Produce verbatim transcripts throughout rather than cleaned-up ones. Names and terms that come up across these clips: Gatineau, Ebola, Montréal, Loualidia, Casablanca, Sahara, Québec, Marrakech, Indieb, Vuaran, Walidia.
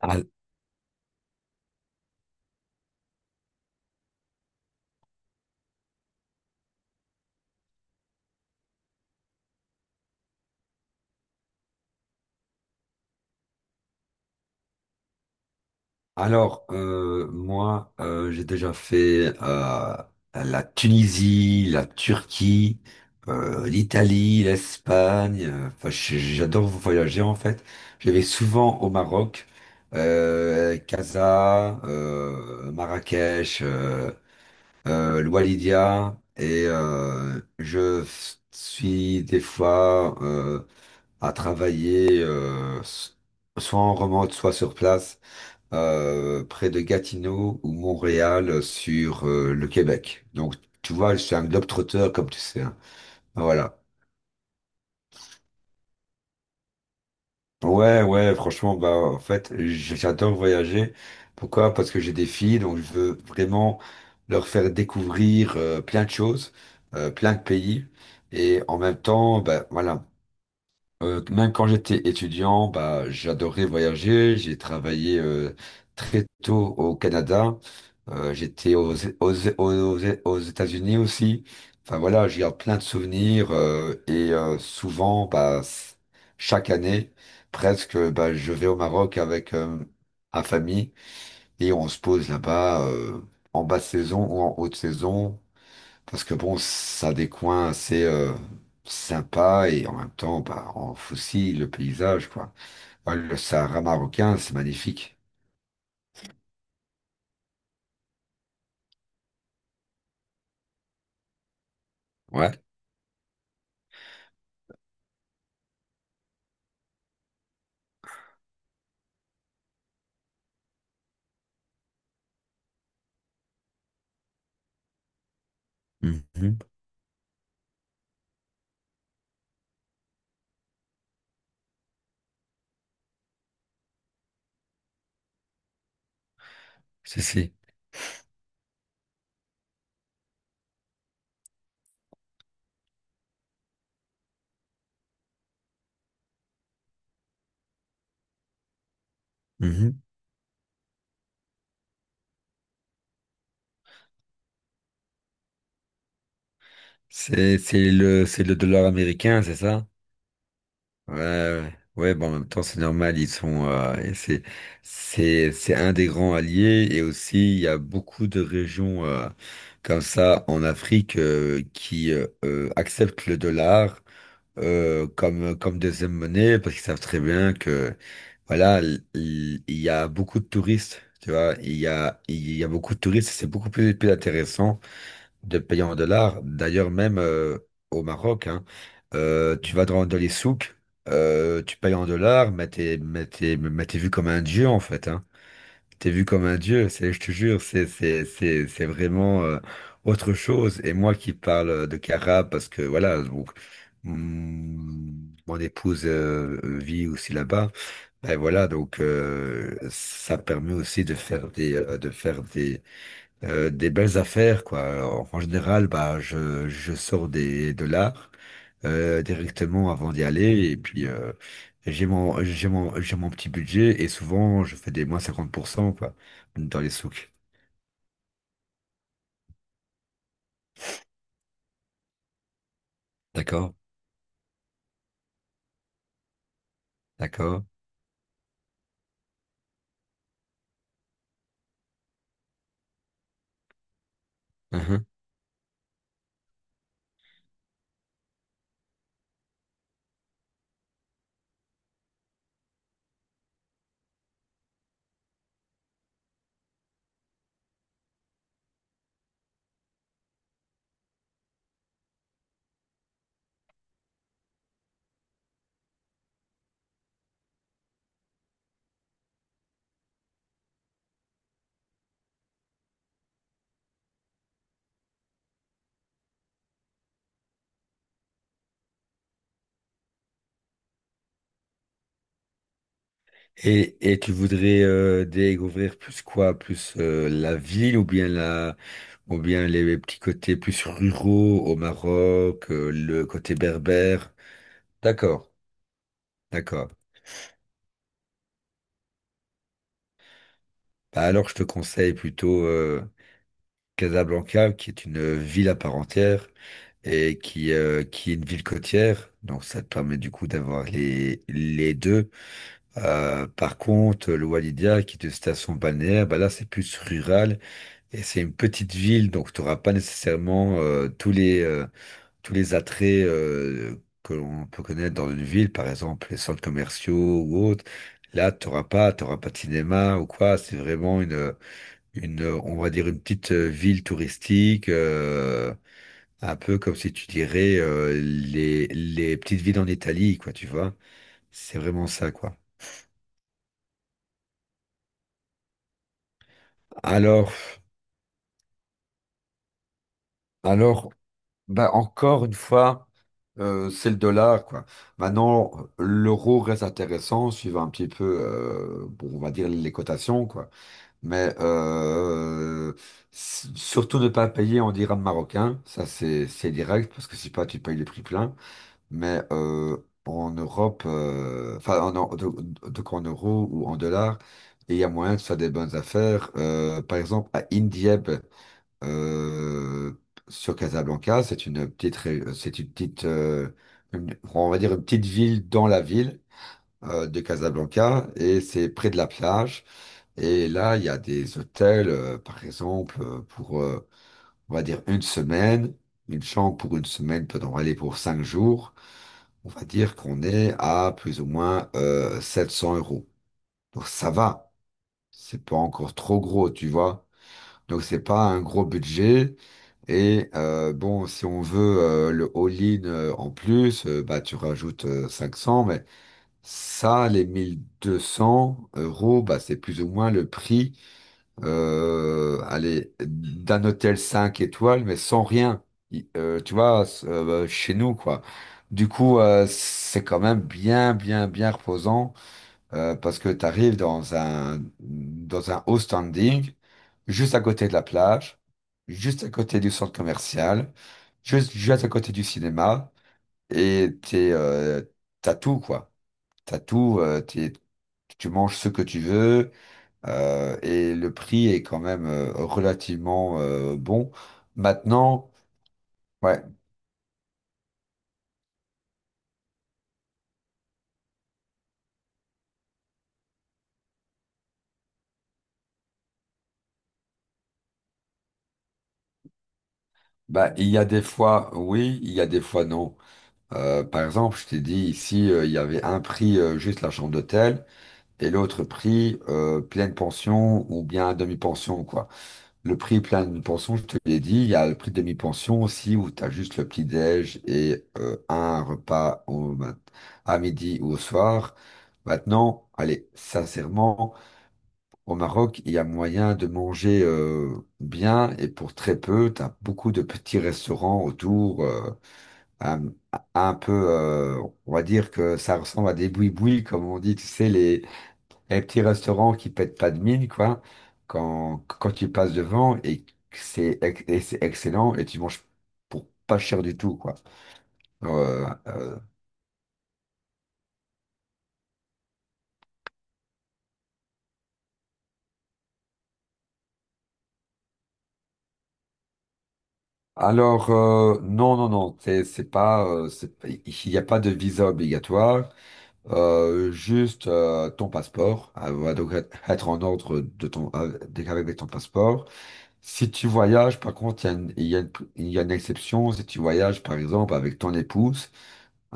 Al- Alors, euh, moi, euh, j'ai déjà fait euh, la Tunisie, la Turquie, euh, l'Italie, l'Espagne. euh, Enfin, j- j'adore voyager en fait. Je vais souvent au Maroc, euh, Casa, euh, Marrakech, euh, euh, Loualidia, et euh, je f- suis des fois euh, à travailler euh, s- soit en remote, soit sur place, euh, près de Gatineau ou Montréal, euh, sur euh, le Québec. Donc, tu vois, je suis un globe-trotteur, comme tu sais, hein. Voilà. Ouais, ouais, franchement, bah, en fait, j- j'adore voyager. Pourquoi? Parce que j'ai des filles, donc je veux vraiment leur faire découvrir euh, plein de choses, euh, plein de pays. Et en même temps, bah, voilà. Euh, même quand j'étais étudiant, bah, j'adorais voyager. J'ai travaillé euh, très tôt au Canada. Euh, j'étais aux, aux, aux, aux États-Unis aussi. Enfin voilà, j'ai plein de souvenirs euh, et euh, souvent, bah, c- chaque année, presque, bah, je vais au Maroc avec euh, ma famille et on se pose là-bas euh, en basse saison ou en haute saison. Parce que bon, ça a des coins assez euh, sympas, et en même temps, bah, on fossile le paysage, quoi. Ouais, le Sahara marocain, c'est magnifique. Ouais. Mhm. Si, si. Mhm. C'est, c'est le, c'est le dollar américain, c'est ça? Ouais, ouais. Ouais, bon, en même temps, c'est normal, ils sont, euh, et c'est, c'est, c'est un des grands alliés, et aussi, il y a beaucoup de régions, euh, comme ça en Afrique, euh, qui, euh, euh, acceptent le dollar euh, comme, comme deuxième monnaie, parce qu'ils savent très bien que voilà, l- il il y a beaucoup de touristes, tu vois, il y a, il y a beaucoup de touristes, c'est beaucoup plus, plus intéressant de payer en dollars. D'ailleurs, même euh, au Maroc, hein, euh, tu vas dans, dans les souks, euh, tu payes en dollars, mais t'es, mais t'es, mais t'es vu comme un dieu en fait, hein. T'es vu comme un dieu, c'est, je te jure, c'est, c'est, c'est, c'est vraiment euh, autre chose. Et moi qui parle euh, de Cara, parce que voilà. Donc, mm, mon épouse euh, vit aussi là-bas. Ben voilà, donc euh, ça permet aussi de faire des, euh, de faire des, euh, des belles affaires, quoi. En en général, bah, je, je sors des, de l'art euh, directement avant d'y aller. Et puis, euh, j'ai mon, j'ai mon, j'ai mon petit budget. Et souvent, je fais des moins cinquante pour cent, quoi, dans les souks. D'accord, d'accord. Mhm. Et, et tu voudrais euh, découvrir plus quoi? Plus euh, la ville, ou bien la ou bien les petits côtés plus ruraux au Maroc, euh, le côté berbère. D'accord, d'accord. Bah alors, je te conseille plutôt euh, Casablanca, qui est une euh, ville à part entière et qui, euh, qui est une ville côtière. Donc, ça te permet du coup d'avoir les, les deux. Euh, par contre, le Walidia, qui est une station balnéaire, bah là, c'est plus rural et c'est une petite ville. Donc, tu n'auras pas nécessairement euh, tous les, euh, tous les attraits euh, que l'on peut connaître dans une ville, par exemple les centres commerciaux ou autres. Là, tu n'auras pas, t'auras pas de cinéma ou quoi. C'est vraiment une une, euh, on va dire une petite euh, ville touristique, euh, un peu comme si tu dirais euh, les, les petites villes en Italie, quoi, tu vois. C'est vraiment ça, quoi. Alors, alors, bah encore une fois, euh, c'est le dollar, quoi. Maintenant, l'euro reste intéressant, suivant un petit peu, euh, bon, on va dire les cotations, quoi. Mais euh, s- surtout ne pas payer en dirham marocain, ça c'est c'est direct, parce que si pas, tu payes les prix pleins. Mais euh, en Europe, euh, enfin en, en- donc donc en euros ou en dollars, et il y a moyen de faire des bonnes affaires. Euh, par exemple, à Indieb, euh, sur Casablanca, c'est une petite, ré- c'est une petite, euh, une- on va dire une petite ville dans la ville euh, de Casablanca, et c'est près de la plage. Et là, il y a des hôtels, euh, par exemple, euh, pour euh, on va dire, une semaine, une chambre pour une semaine peut en aller pour cinq jours. On va dire qu'on est à plus ou moins euh, sept cents euros. Donc ça va, c'est pas encore trop gros, tu vois. Donc c'est pas un gros budget. Et euh, bon, si on veut euh, le all-in euh, en plus, euh, bah tu rajoutes euh, cinq cents, mais ça, les mille deux cents euros, bah c'est plus ou moins le prix, euh, allez, d'un hôtel cinq étoiles, mais sans rien. Il- euh, tu vois, s- euh, chez nous, quoi. Du coup, euh, c'est quand même bien, bien, bien reposant, euh, parce que tu arrives dans un, dans un haut standing, juste à côté de la plage, juste à côté du centre commercial, juste, juste à côté du cinéma, et t'es, euh, t'as tout, quoi. T'as tout, euh, t'es- tu manges ce que tu veux, euh, et le prix est quand même euh, relativement euh, bon. Maintenant, ouais, bah, il y a des fois oui, il y a des fois non. Euh, par exemple, je t'ai dit ici, euh, il y avait un prix euh, juste la chambre d'hôtel et l'autre prix euh, pleine pension, ou bien demi-pension, quoi. Le prix pleine pension, je te l'ai dit, il y a le prix demi-pension aussi, où tu as juste le petit-déj et euh, un repas au mat- à midi ou au soir. Maintenant, allez, sincèrement. Au Maroc, il y a moyen de manger euh, bien et pour très peu. Tu as beaucoup de petits restaurants autour, euh, un, un peu, euh, on va dire que ça ressemble à des boui-boui, comme on dit, tu sais, les, les petits restaurants qui pètent pas de mine, quoi, quand, quand tu passes devant et que c'est ex- et c'est excellent, et tu manges pour pas cher du tout, quoi. Euh, euh, alors, euh, non, non, non, c'est c'est pas, euh, c'est- il n'y a pas de visa obligatoire. Euh, juste euh, ton passeport, euh, va donc être être en ordre, de ton, euh, dès qu'avec ton passeport. Si tu voyages, par contre, il y a une, il y a une- il y a une exception. Si tu voyages, par exemple, avec ton épouse,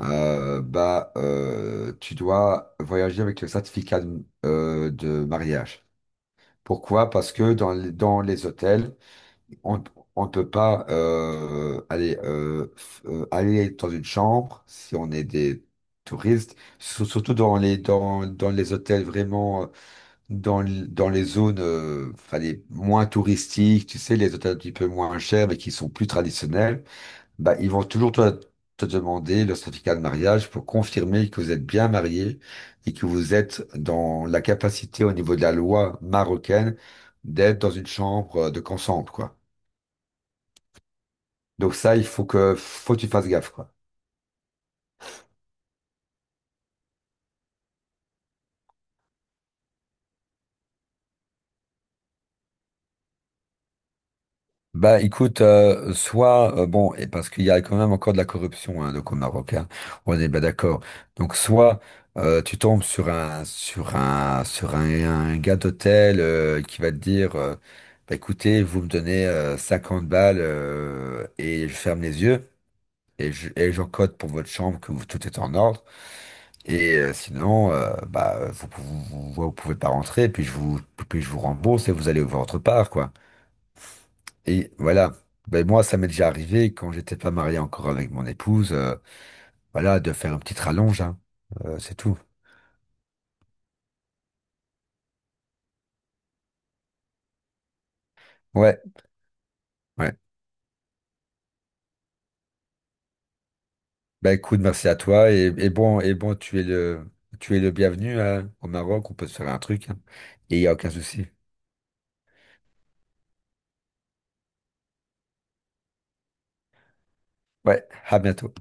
euh, bah, euh, tu dois voyager avec le certificat de, euh, de mariage. Pourquoi? Parce que dans les, dans les hôtels, on on peut pas euh, aller, euh, f- euh, aller dans une chambre si on est des touristes, sur- surtout dans les, dans, dans les hôtels vraiment, euh, dans, l- dans les zones, euh, enfin, les moins touristiques, tu sais, les hôtels un petit peu moins chers mais qui sont plus traditionnels, bah, ils vont toujours te, te demander le certificat de mariage pour confirmer que vous êtes bien marié et que vous êtes dans la capacité, au niveau de la loi marocaine, d'être dans une chambre, euh, de ensemble, quoi. Donc ça, il faut que, faut que tu fasses gaffe, quoi. Bah écoute, euh, soit, euh, bon, et parce qu'il y a quand même encore de la corruption, hein, donc au Maroc, hein, on est bien d'accord. Donc soit euh, tu tombes sur un sur un sur un, un gars d'hôtel euh, qui va te dire, euh, bah, écoutez, vous me donnez euh, 50 balles, euh, et je ferme les yeux et je, et j'encode pour votre chambre que vous, tout est en ordre. Et euh, sinon, euh, bah vous, vous, vous, vous pouvez pas rentrer, puis je vous puis je vous rembourse et vous allez voir votre part, quoi. Et voilà. Ben moi, ça m'est déjà arrivé quand j'étais pas marié encore avec mon épouse, euh, voilà, de faire une petite rallonge, hein. Euh, c'est tout. Ouais, ouais. Ben écoute, merci à toi. Et, et bon, et bon, tu es le, tu es le bienvenu, hein, au Maroc. On peut se faire un truc, hein. Et il n'y a aucun souci. Ouais, à bientôt.